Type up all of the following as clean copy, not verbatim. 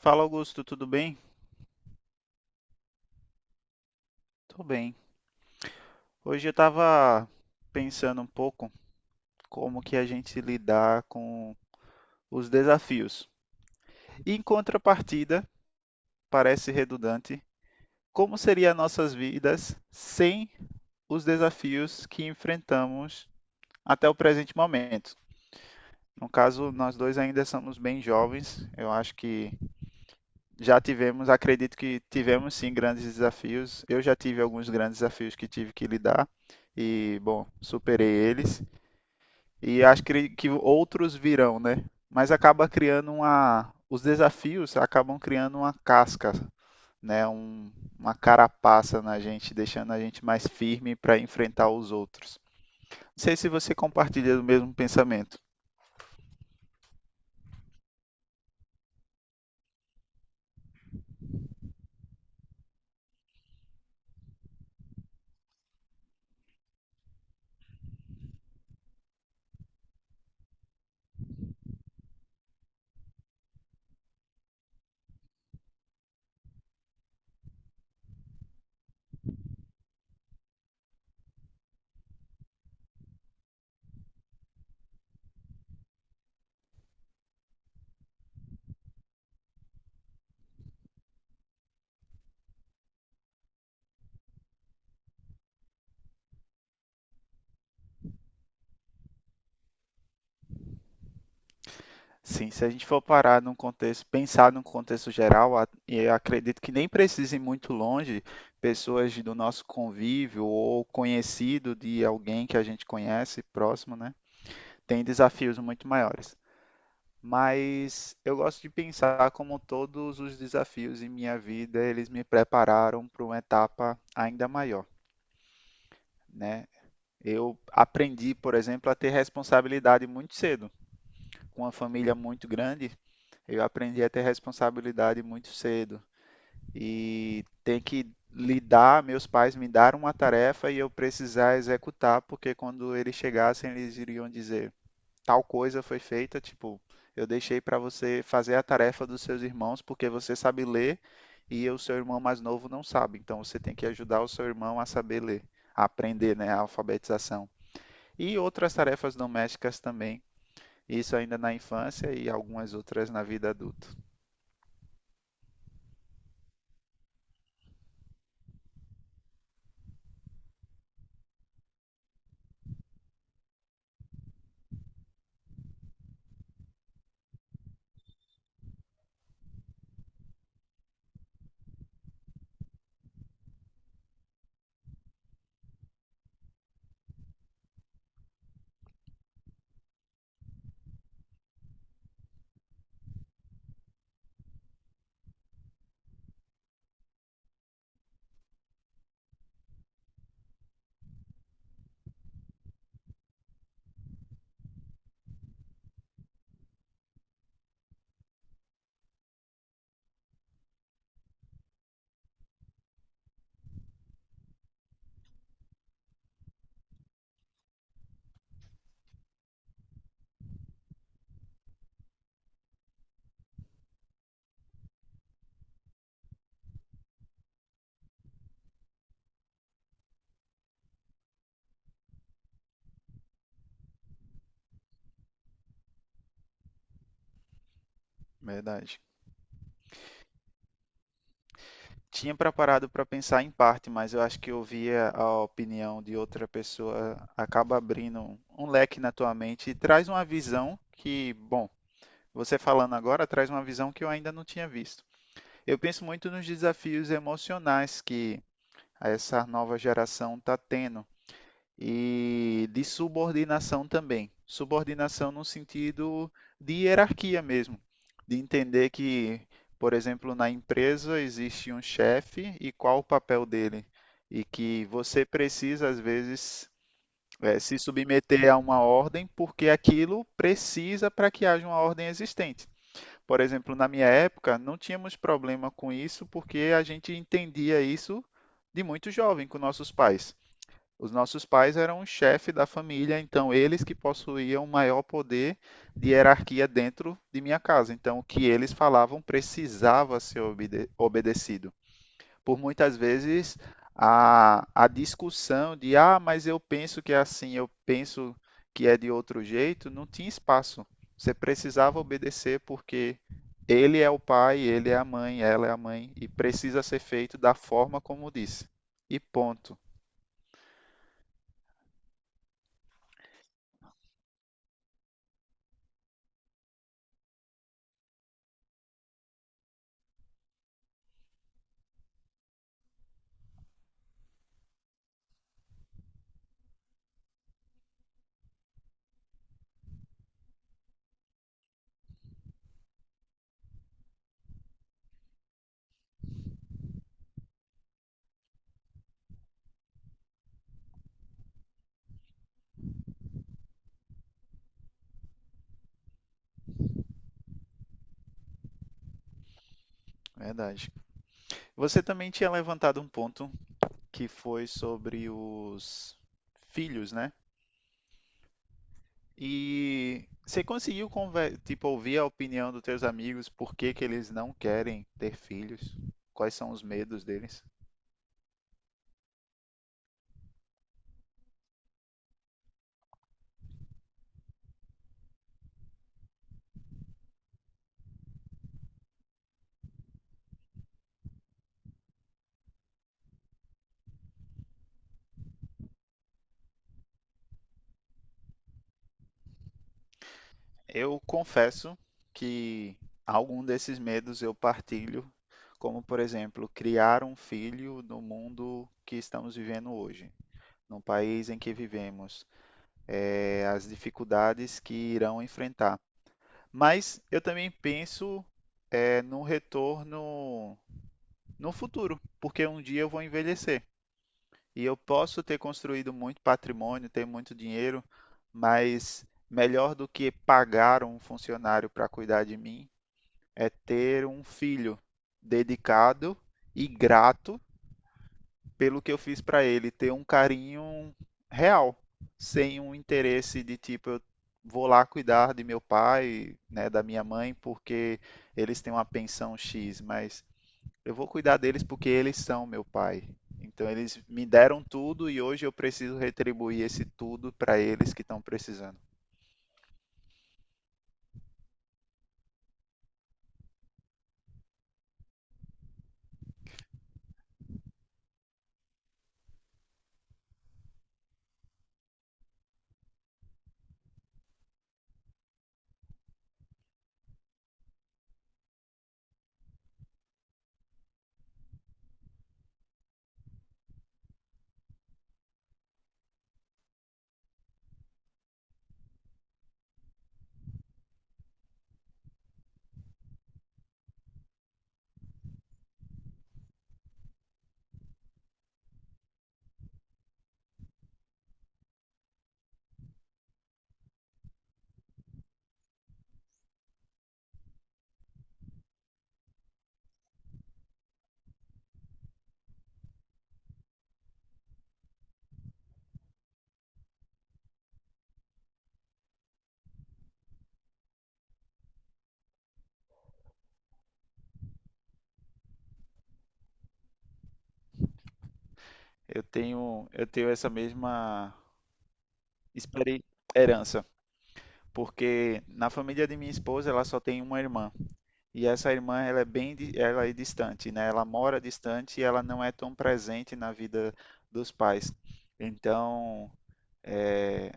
Fala Augusto, tudo bem? Tô bem. Hoje eu estava pensando um pouco como que a gente lidar com os desafios. Em contrapartida, parece redundante, como seriam nossas vidas sem os desafios que enfrentamos até o presente momento? No caso, nós dois ainda somos bem jovens. Eu acho que já tivemos, acredito que tivemos sim grandes desafios. Eu já tive alguns grandes desafios que tive que lidar e, bom, superei eles. E acho que outros virão, né? Mas acaba criando uma. Os desafios acabam criando uma casca, né? Uma carapaça na gente, deixando a gente mais firme para enfrentar os outros. Não sei se você compartilha do mesmo pensamento. Sim, se a gente for parar num contexto, pensar num contexto geral, e eu acredito que nem precise ir muito longe, pessoas do nosso convívio ou conhecido de alguém que a gente conhece próximo, né, tem desafios muito maiores. Mas eu gosto de pensar como todos os desafios em minha vida, eles me prepararam para uma etapa ainda maior, né? Eu aprendi, por exemplo, a ter responsabilidade muito cedo. Com uma família muito grande, eu aprendi a ter responsabilidade muito cedo. E tem que lidar, meus pais me deram uma tarefa e eu precisar executar, porque quando eles chegassem, eles iriam dizer: tal coisa foi feita, tipo, eu deixei para você fazer a tarefa dos seus irmãos porque você sabe ler e o seu irmão mais novo não sabe. Então você tem que ajudar o seu irmão a saber ler, a aprender, né, a alfabetização. E outras tarefas domésticas também, isso ainda na infância e algumas outras na vida adulta. Verdade. Tinha preparado para pensar em parte, mas eu acho que ouvir a opinião de outra pessoa acaba abrindo um leque na tua mente e traz uma visão que, bom, você falando agora traz uma visão que eu ainda não tinha visto. Eu penso muito nos desafios emocionais que essa nova geração está tendo e de subordinação também. Subordinação no sentido de hierarquia mesmo, de entender que, por exemplo, na empresa existe um chefe e qual o papel dele, e que você precisa, às vezes, se submeter a uma ordem porque aquilo precisa para que haja uma ordem existente. Por exemplo, na minha época, não tínhamos problema com isso porque a gente entendia isso de muito jovem com nossos pais. Os nossos pais eram o chefe da família, então eles que possuíam maior poder de hierarquia dentro de minha casa. Então, o que eles falavam precisava ser obedecido por muitas vezes a discussão de ah, mas eu penso que é assim, eu penso que é de outro jeito, não tinha espaço. Você precisava obedecer porque ele é o pai, ele é a mãe, ela é a mãe e precisa ser feito da forma como disse. E ponto. Verdade. Você também tinha levantado um ponto que foi sobre os filhos, né? E você conseguiu tipo, ouvir a opinião dos teus amigos, por que que eles não querem ter filhos? Quais são os medos deles? Eu confesso que algum desses medos eu partilho, como por exemplo, criar um filho no mundo que estamos vivendo hoje, no país em que vivemos, as dificuldades que irão enfrentar. Mas eu também penso, no retorno no futuro, porque um dia eu vou envelhecer. E eu posso ter construído muito patrimônio, ter muito dinheiro, mas melhor do que pagar um funcionário para cuidar de mim é ter um filho dedicado e grato pelo que eu fiz para ele, ter um carinho real, sem um interesse de tipo, eu vou lá cuidar de meu pai, né, da minha mãe, porque eles têm uma pensão X, mas eu vou cuidar deles porque eles são meu pai. Então eles me deram tudo e hoje eu preciso retribuir esse tudo para eles que estão precisando. Eu tenho essa mesma experi- herança, porque na família de minha esposa ela só tem uma irmã e essa irmã ela é bem, ela é distante, né? Ela mora distante e ela não é tão presente na vida dos pais. Então é,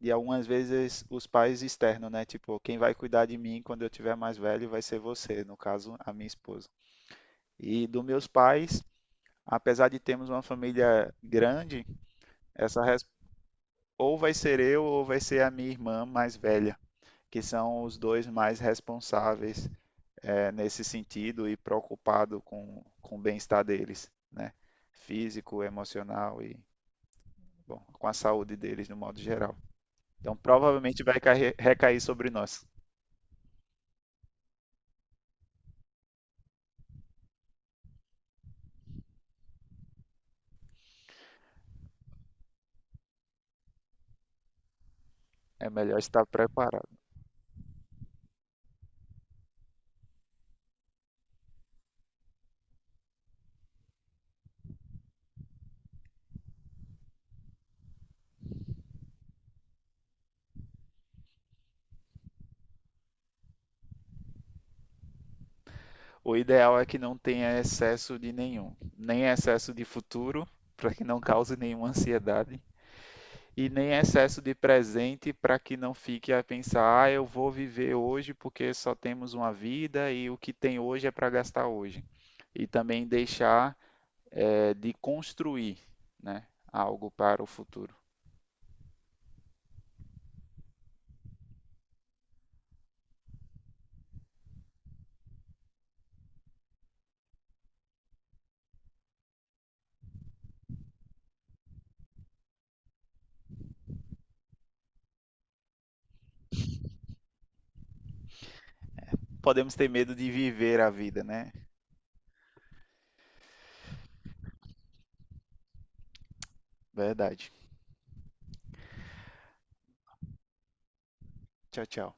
e algumas vezes os pais externos, né? Tipo, quem vai cuidar de mim quando eu tiver mais velho vai ser você, no caso, a minha esposa. E dos meus pais, apesar de termos uma família grande, essa res- ou vai ser eu ou vai ser a minha irmã mais velha, que são os dois mais responsáveis nesse sentido e preocupado com o bem-estar deles, né? Físico, emocional e, bom, com a saúde deles no modo geral. Então provavelmente vai recair sobre nós. É melhor estar preparado. O ideal é que não tenha excesso de nenhum, nem excesso de futuro, para que não cause nenhuma ansiedade, e nem excesso de presente, para que não fique a pensar, ah, eu vou viver hoje porque só temos uma vida e o que tem hoje é para gastar hoje. E também deixar de construir, né, algo para o futuro. Podemos ter medo de viver a vida, né? Verdade. Tchau, tchau.